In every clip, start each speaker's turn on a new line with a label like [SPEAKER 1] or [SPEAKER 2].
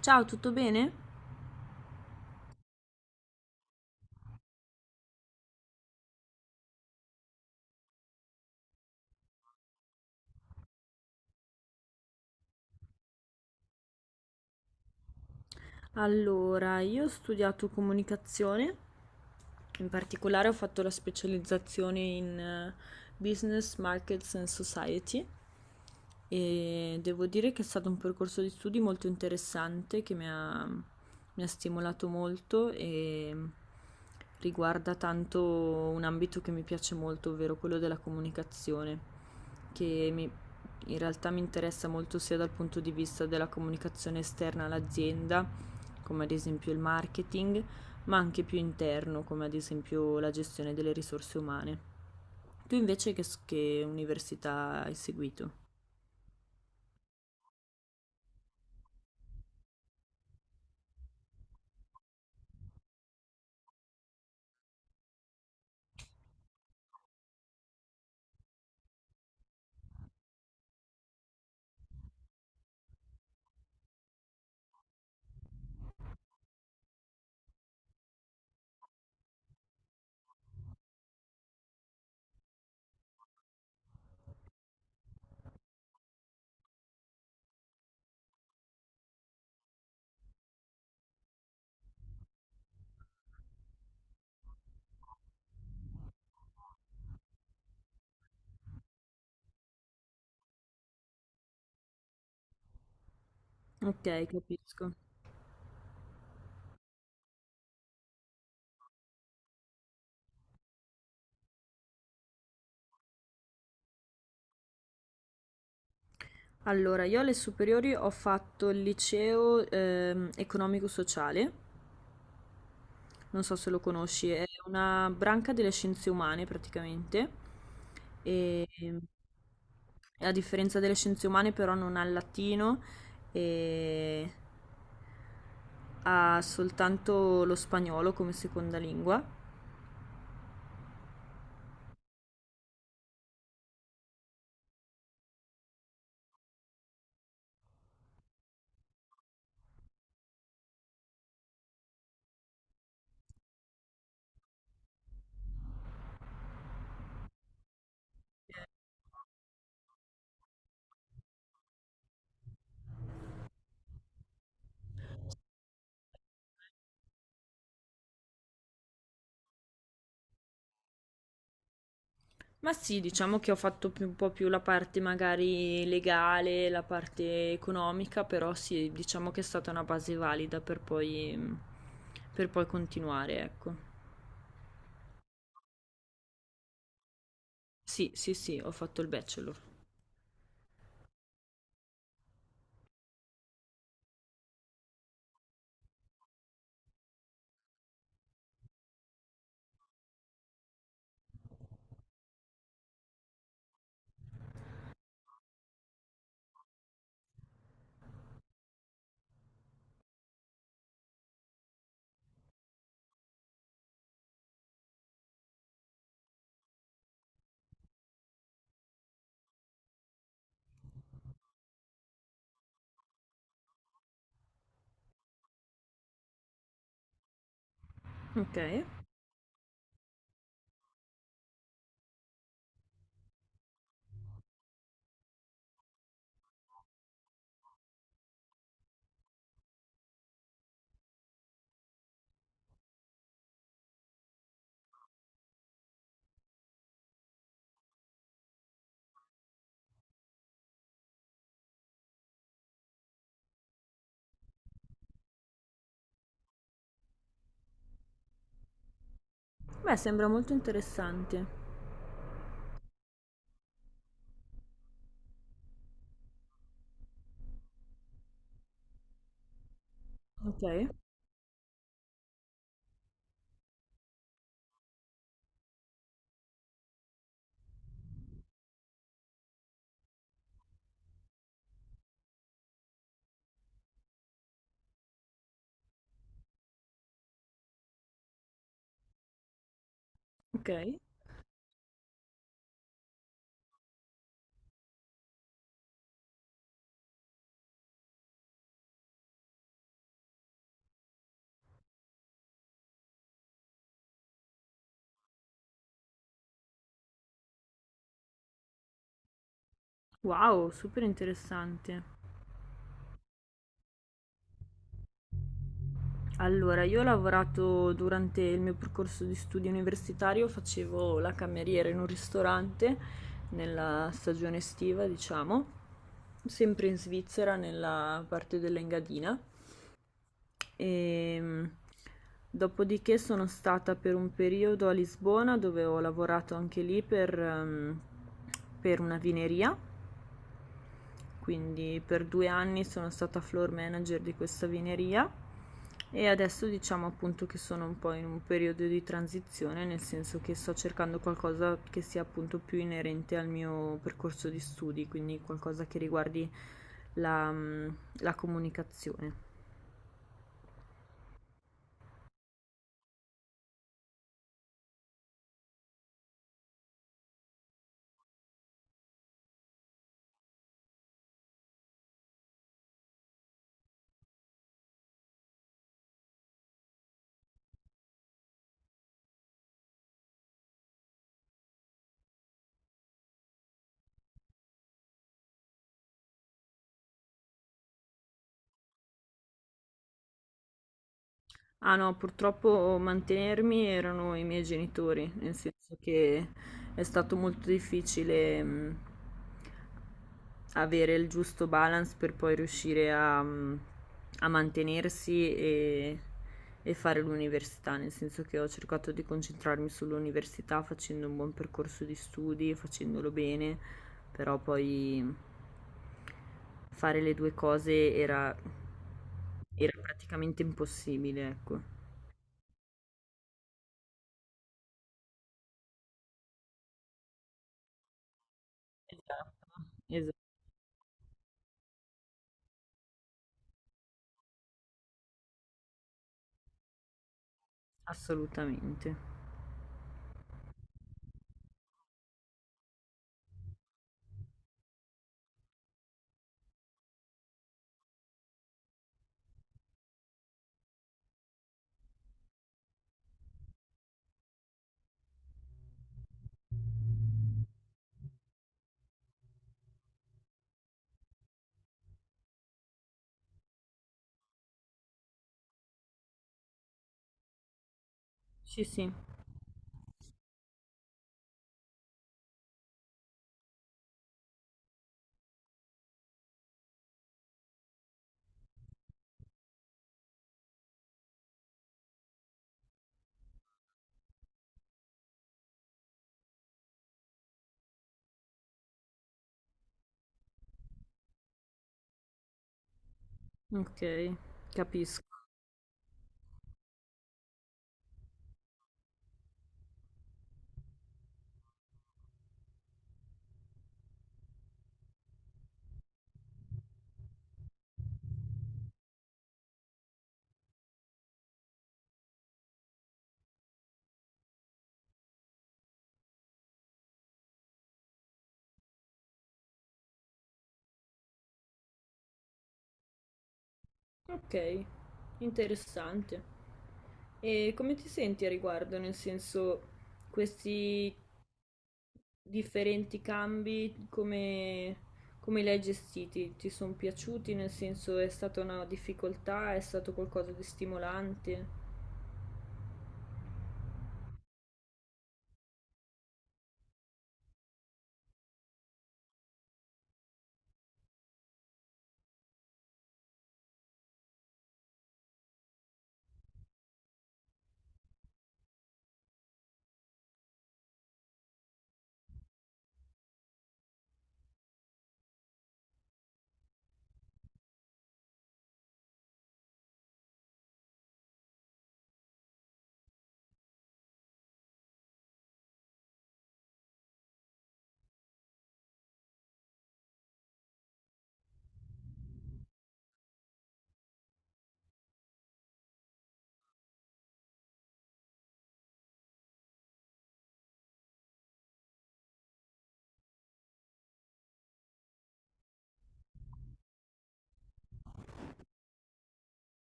[SPEAKER 1] Ciao, tutto bene? Allora, io ho studiato comunicazione, in particolare ho fatto la specializzazione in Business, Markets and Society e devo dire che è stato un percorso di studi molto interessante che mi ha stimolato molto e riguarda tanto un ambito che mi piace molto, ovvero quello della comunicazione, che mi- in realtà mi interessa molto sia dal punto di vista della comunicazione esterna all'azienda, come ad esempio il marketing, ma anche più interno, come ad esempio la gestione delle risorse umane. Tu invece che università hai seguito? Ok, capisco. Allora, io alle superiori ho fatto il liceo economico-sociale, non so se lo conosci, è una branca delle scienze umane praticamente, e a differenza delle scienze umane però non ha il latino e ha soltanto lo spagnolo come seconda lingua. Ma sì, diciamo che ho fatto un po' più la parte magari legale, la parte economica, però sì, diciamo che è stata una base valida per poi continuare, ecco. Sì, sì, sì, ho fatto il bachelor. Ok. Beh, sembra molto interessante. Ok, ok. Wow, super interessante. Allora, io ho lavorato durante il mio percorso di studio universitario, facevo la cameriera in un ristorante nella stagione estiva, diciamo, sempre in Svizzera, nella parte dell'Engadina. E dopodiché sono stata per un periodo a Lisbona dove ho lavorato anche lì per una vineria, quindi per 2 anni sono stata floor manager di questa vineria e adesso diciamo appunto che sono un po' in un periodo di transizione, nel senso che sto cercando qualcosa che sia appunto più inerente al mio percorso di studi, quindi qualcosa che riguardi la, mm, la comunicazione. Ah no, purtroppo mantenermi erano i miei genitori, nel senso che è stato molto difficile, avere il giusto balance per poi riuscire a mantenersi e fare l'università, nel senso che ho cercato di concentrarmi sull'università facendo un buon percorso di studi, facendolo bene, però poi fare le due era praticamente impossibile, ecco. Esatto, esa assolutamente. Sì, sì, okay, capisco. Okay, interessante. E come ti senti a riguardo? Nel senso, questi differenti come li hai gestiti? Ti sono piaciuti? Nel senso, è stata una difficoltà? È stato qualcosa di stimolante?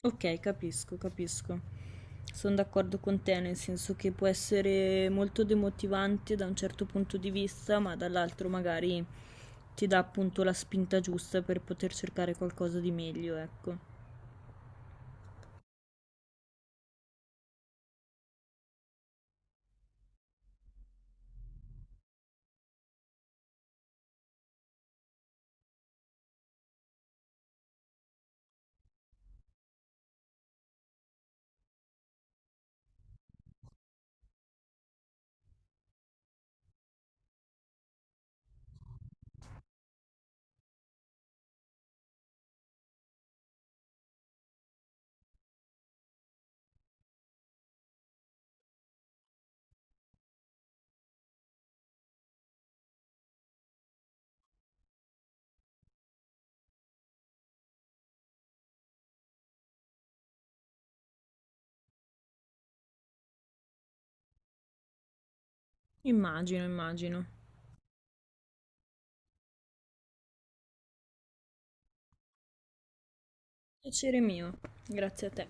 [SPEAKER 1] Okay, capisco, capisco. Son d'accordo con te, nel senso che può essere molto demotivante da un certo punto di vista, ma dall'altro magari ti dà appunto la spinta giusta per poter cercare qualcosa di meglio, ecco. Immagino, immagino. Piacere mio, grazie a te.